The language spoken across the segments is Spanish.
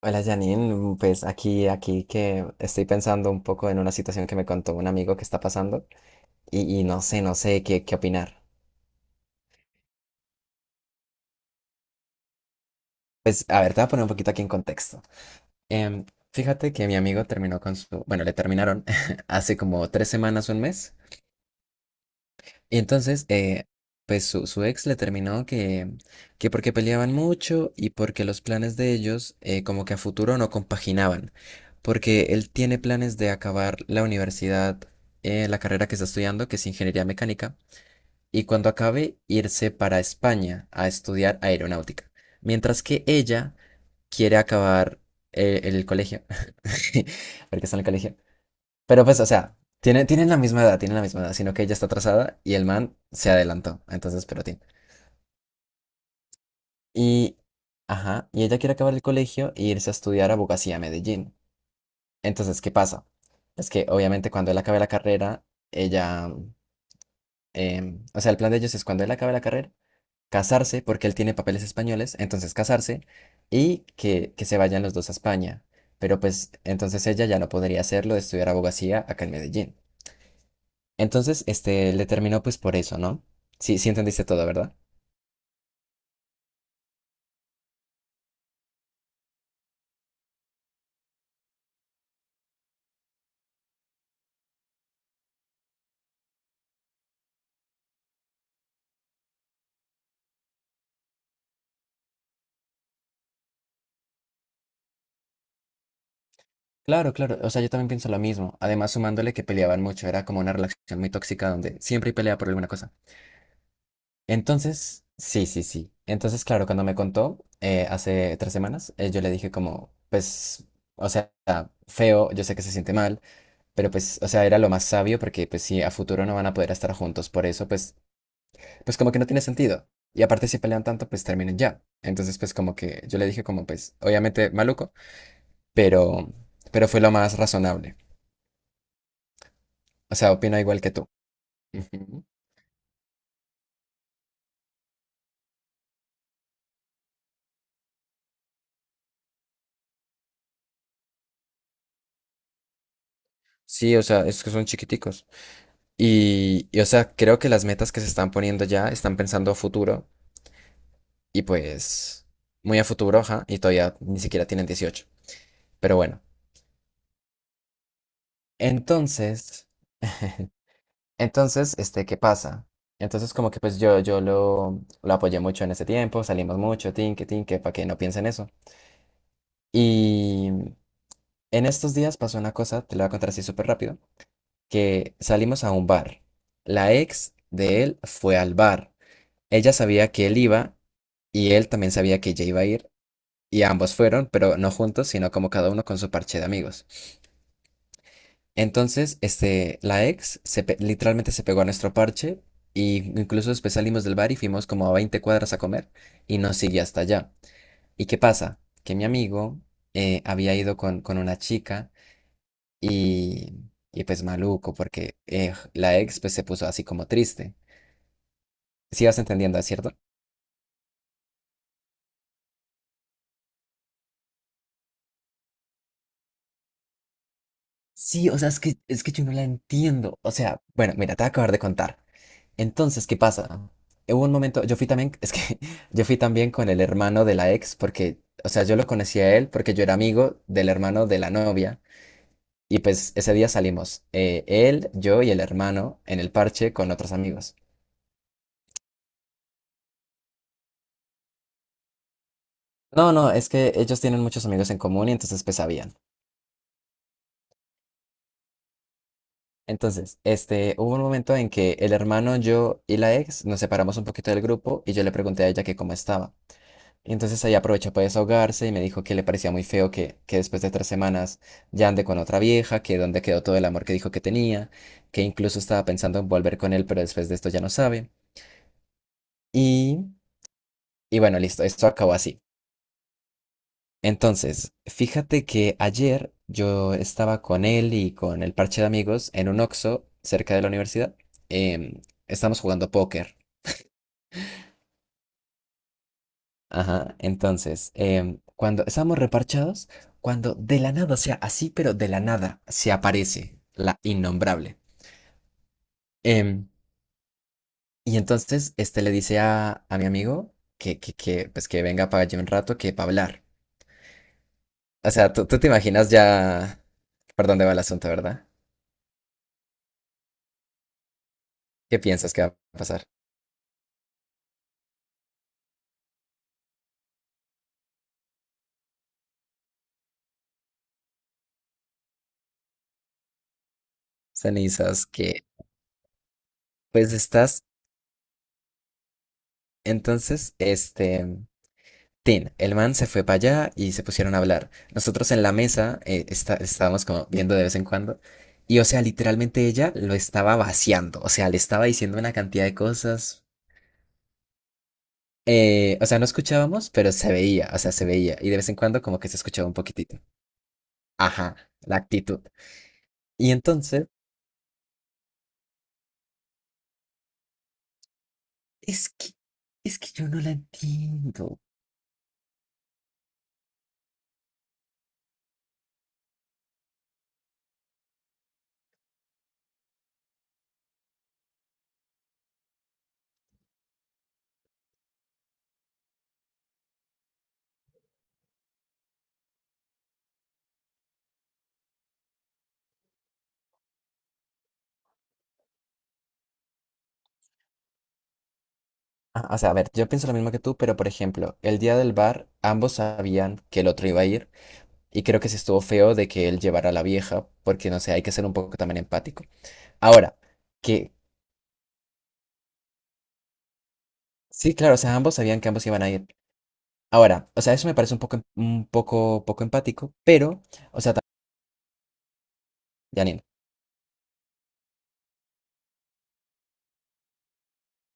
Hola Janine, pues aquí que estoy pensando un poco en una situación que me contó un amigo que está pasando y no sé, qué opinar. Pues a ver, te voy a poner un poquito aquí en contexto. Em, Fíjate que mi amigo terminó con bueno, le terminaron hace como 3 semanas, un mes. Y entonces, pues su ex le terminó que porque peleaban mucho y porque los planes de ellos como que a futuro no compaginaban, porque él tiene planes de acabar la universidad, la carrera que está estudiando, que es ingeniería mecánica, y cuando acabe irse para España a estudiar aeronáutica, mientras que ella quiere acabar el colegio, porque está en el colegio, pero pues, o sea, tienen la misma edad, tienen la misma edad, sino que ella está atrasada y el man se adelantó. Entonces, pero tiene. Y, ajá, y ella quiere acabar el colegio e irse a estudiar abogacía a Medellín. Entonces, ¿qué pasa? Es que obviamente cuando él acabe la carrera, ella, o sea, el plan de ellos es cuando él acabe la carrera, casarse, porque él tiene papeles españoles, entonces casarse y que se vayan los dos a España. Pero pues, entonces ella ya no podría hacerlo de estudiar abogacía acá en Medellín. Entonces, este, le terminó pues por eso, ¿no? Sí, sí entendiste todo, ¿verdad? Claro, claro, o sea, yo también pienso lo mismo. Además, sumándole que peleaban mucho, era como una relación muy tóxica donde siempre hay pelea por alguna cosa. Entonces, sí, sí, sí. Entonces, claro, cuando me contó hace 3 semanas, yo le dije como, pues, o sea, feo, yo sé que se siente mal, pero pues, o sea, era lo más sabio porque pues sí, a futuro no van a poder estar juntos, por eso pues como que no tiene sentido. Y aparte si pelean tanto, pues terminen ya. Entonces pues como que yo le dije como pues obviamente maluco, pero, pero fue lo más razonable. O sea, opino igual que tú. Ujú. Sí, o sea, es que son chiquiticos. O sea, creo que las metas que se están poniendo ya están pensando a futuro y pues muy a futuro, ajá, y todavía ni siquiera tienen 18. Pero bueno. Entonces, entonces, este, ¿qué pasa? Entonces, como que pues yo lo apoyé mucho en ese tiempo, salimos mucho, tinque, tinque, para que no piense en eso. Y en estos días pasó una cosa, te la voy a contar así súper rápido, que salimos a un bar. La ex de él fue al bar. Ella sabía que él iba y él también sabía que ella iba a ir y ambos fueron, pero no juntos, sino como cada uno con su parche de amigos. Entonces, este, la ex literalmente se pegó a nuestro parche y incluso después salimos del bar y fuimos como a 20 cuadras a comer y nos siguió hasta allá. ¿Y qué pasa? Que mi amigo había ido con una chica y, y pues maluco porque la ex pues se puso así como triste. Sí vas entendiendo, ¿es cierto? Sí, o sea, es que yo no la entiendo. O sea, bueno, mira, te voy a acabar de contar. Entonces, ¿qué pasa? Hubo un momento, yo fui también, es que yo fui también con el hermano de la ex, porque, o sea, yo lo conocí a él porque yo era amigo del hermano de la novia. Y pues ese día salimos, él, yo y el hermano en el parche con otros amigos. No, no, es que ellos tienen muchos amigos en común y entonces pues sabían. Entonces, este, hubo un momento en que el hermano, yo y la ex nos separamos un poquito del grupo y yo le pregunté a ella que cómo estaba. Y entonces ahí aprovechó para desahogarse y me dijo que le parecía muy feo que después de 3 semanas ya ande con otra vieja, que donde quedó todo el amor que dijo que tenía, que incluso estaba pensando en volver con él, pero después de esto ya no sabe. Y, y bueno, listo, esto acabó así. Entonces, fíjate que ayer yo estaba con él y con el parche de amigos en un Oxxo cerca de la universidad. em, Estamos jugando póker. Ajá, entonces, cuando estamos reparchados, cuando de la nada, o sea, así, pero de la nada, se aparece la innombrable. Em, y entonces, este le dice a mi amigo pues que venga para allí un rato, que para hablar. O sea, tú te imaginas ya por dónde va el asunto, ¿verdad? ¿Qué piensas que va a pasar? Cenizas, que, pues estás, entonces, este... Tin, el man se fue para allá y se pusieron a hablar. Nosotros en la mesa estábamos como viendo de vez en cuando. Y o sea, literalmente ella lo estaba vaciando. O sea, le estaba diciendo una cantidad de cosas. O sea, no escuchábamos, pero se veía. O sea, se veía. Y de vez en cuando como que se escuchaba un poquitito. Ajá, la actitud. Y entonces, es que, es que yo no la entiendo. Ah, o sea, a ver, yo pienso lo mismo que tú, pero por ejemplo, el día del bar, ambos sabían que el otro iba a ir. Y creo que sí estuvo feo de que él llevara a la vieja, porque no sé, hay que ser un poco también empático. Ahora, que sí, claro, o sea, ambos sabían que ambos iban a ir. Ahora, o sea, eso me parece un poco, empático, pero, o sea, también, Janine,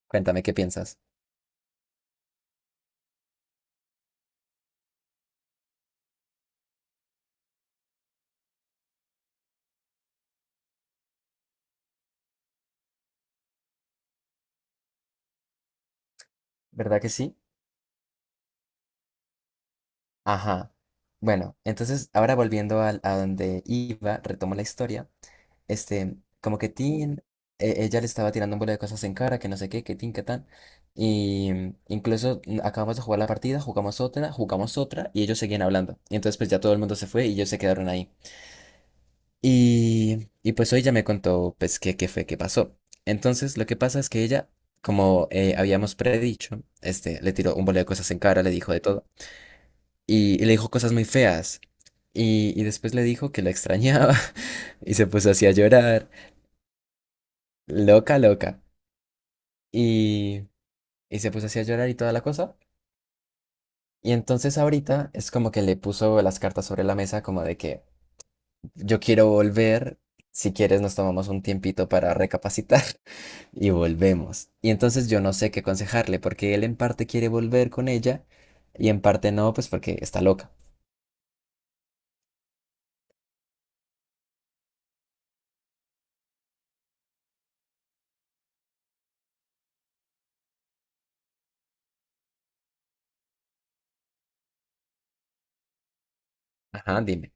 cuéntame qué piensas. ¿Verdad que sí? Ajá. Bueno, entonces ahora a, donde iba, retomo la historia. Este, como que Tin, ella le estaba tirando un bola de cosas en cara, que no sé qué, que Tin, que tan. Y incluso acabamos de jugar la partida, jugamos otra, y ellos seguían hablando. Y entonces pues ya todo el mundo se fue y ellos se quedaron ahí. Y pues hoy ya me contó pues qué fue, qué pasó. Entonces lo que pasa es que ella, como habíamos predicho, este, le tiró un bola de cosas en cara, le dijo de todo. Y le dijo cosas muy feas. Y después le dijo que la extrañaba y se puso así a llorar. Loca, loca. y, y se puso así a llorar y toda la cosa. Y entonces ahorita es como que le puso las cartas sobre la mesa como de que yo quiero volver, si quieres nos tomamos un tiempito para recapacitar y volvemos. Y entonces yo no sé qué aconsejarle porque él en parte quiere volver con ella y en parte no, pues porque está loca. Ajá, dime.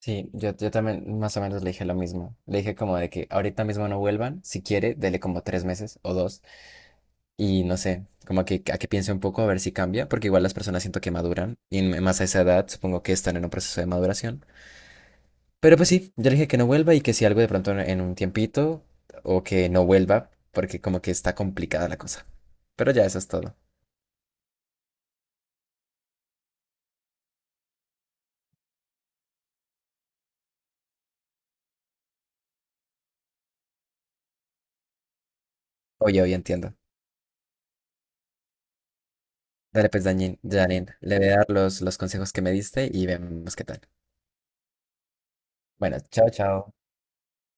Sí, yo también más o menos le dije lo mismo. Le dije como de que ahorita mismo no vuelvan, si quiere, dele como 3 meses o 2. Y no sé, como que a que piense un poco a ver si cambia, porque igual las personas siento que maduran más a esa edad supongo que están en un proceso de maduración. Pero pues sí, yo le dije que no vuelva y que si algo de pronto en un tiempito o que no vuelva, porque como que está complicada la cosa. Pero ya eso es todo. Oye, oye, entiendo. Dale pues, Janine, le voy a dar los consejos que me diste y vemos qué tal. Bueno, chao, chao.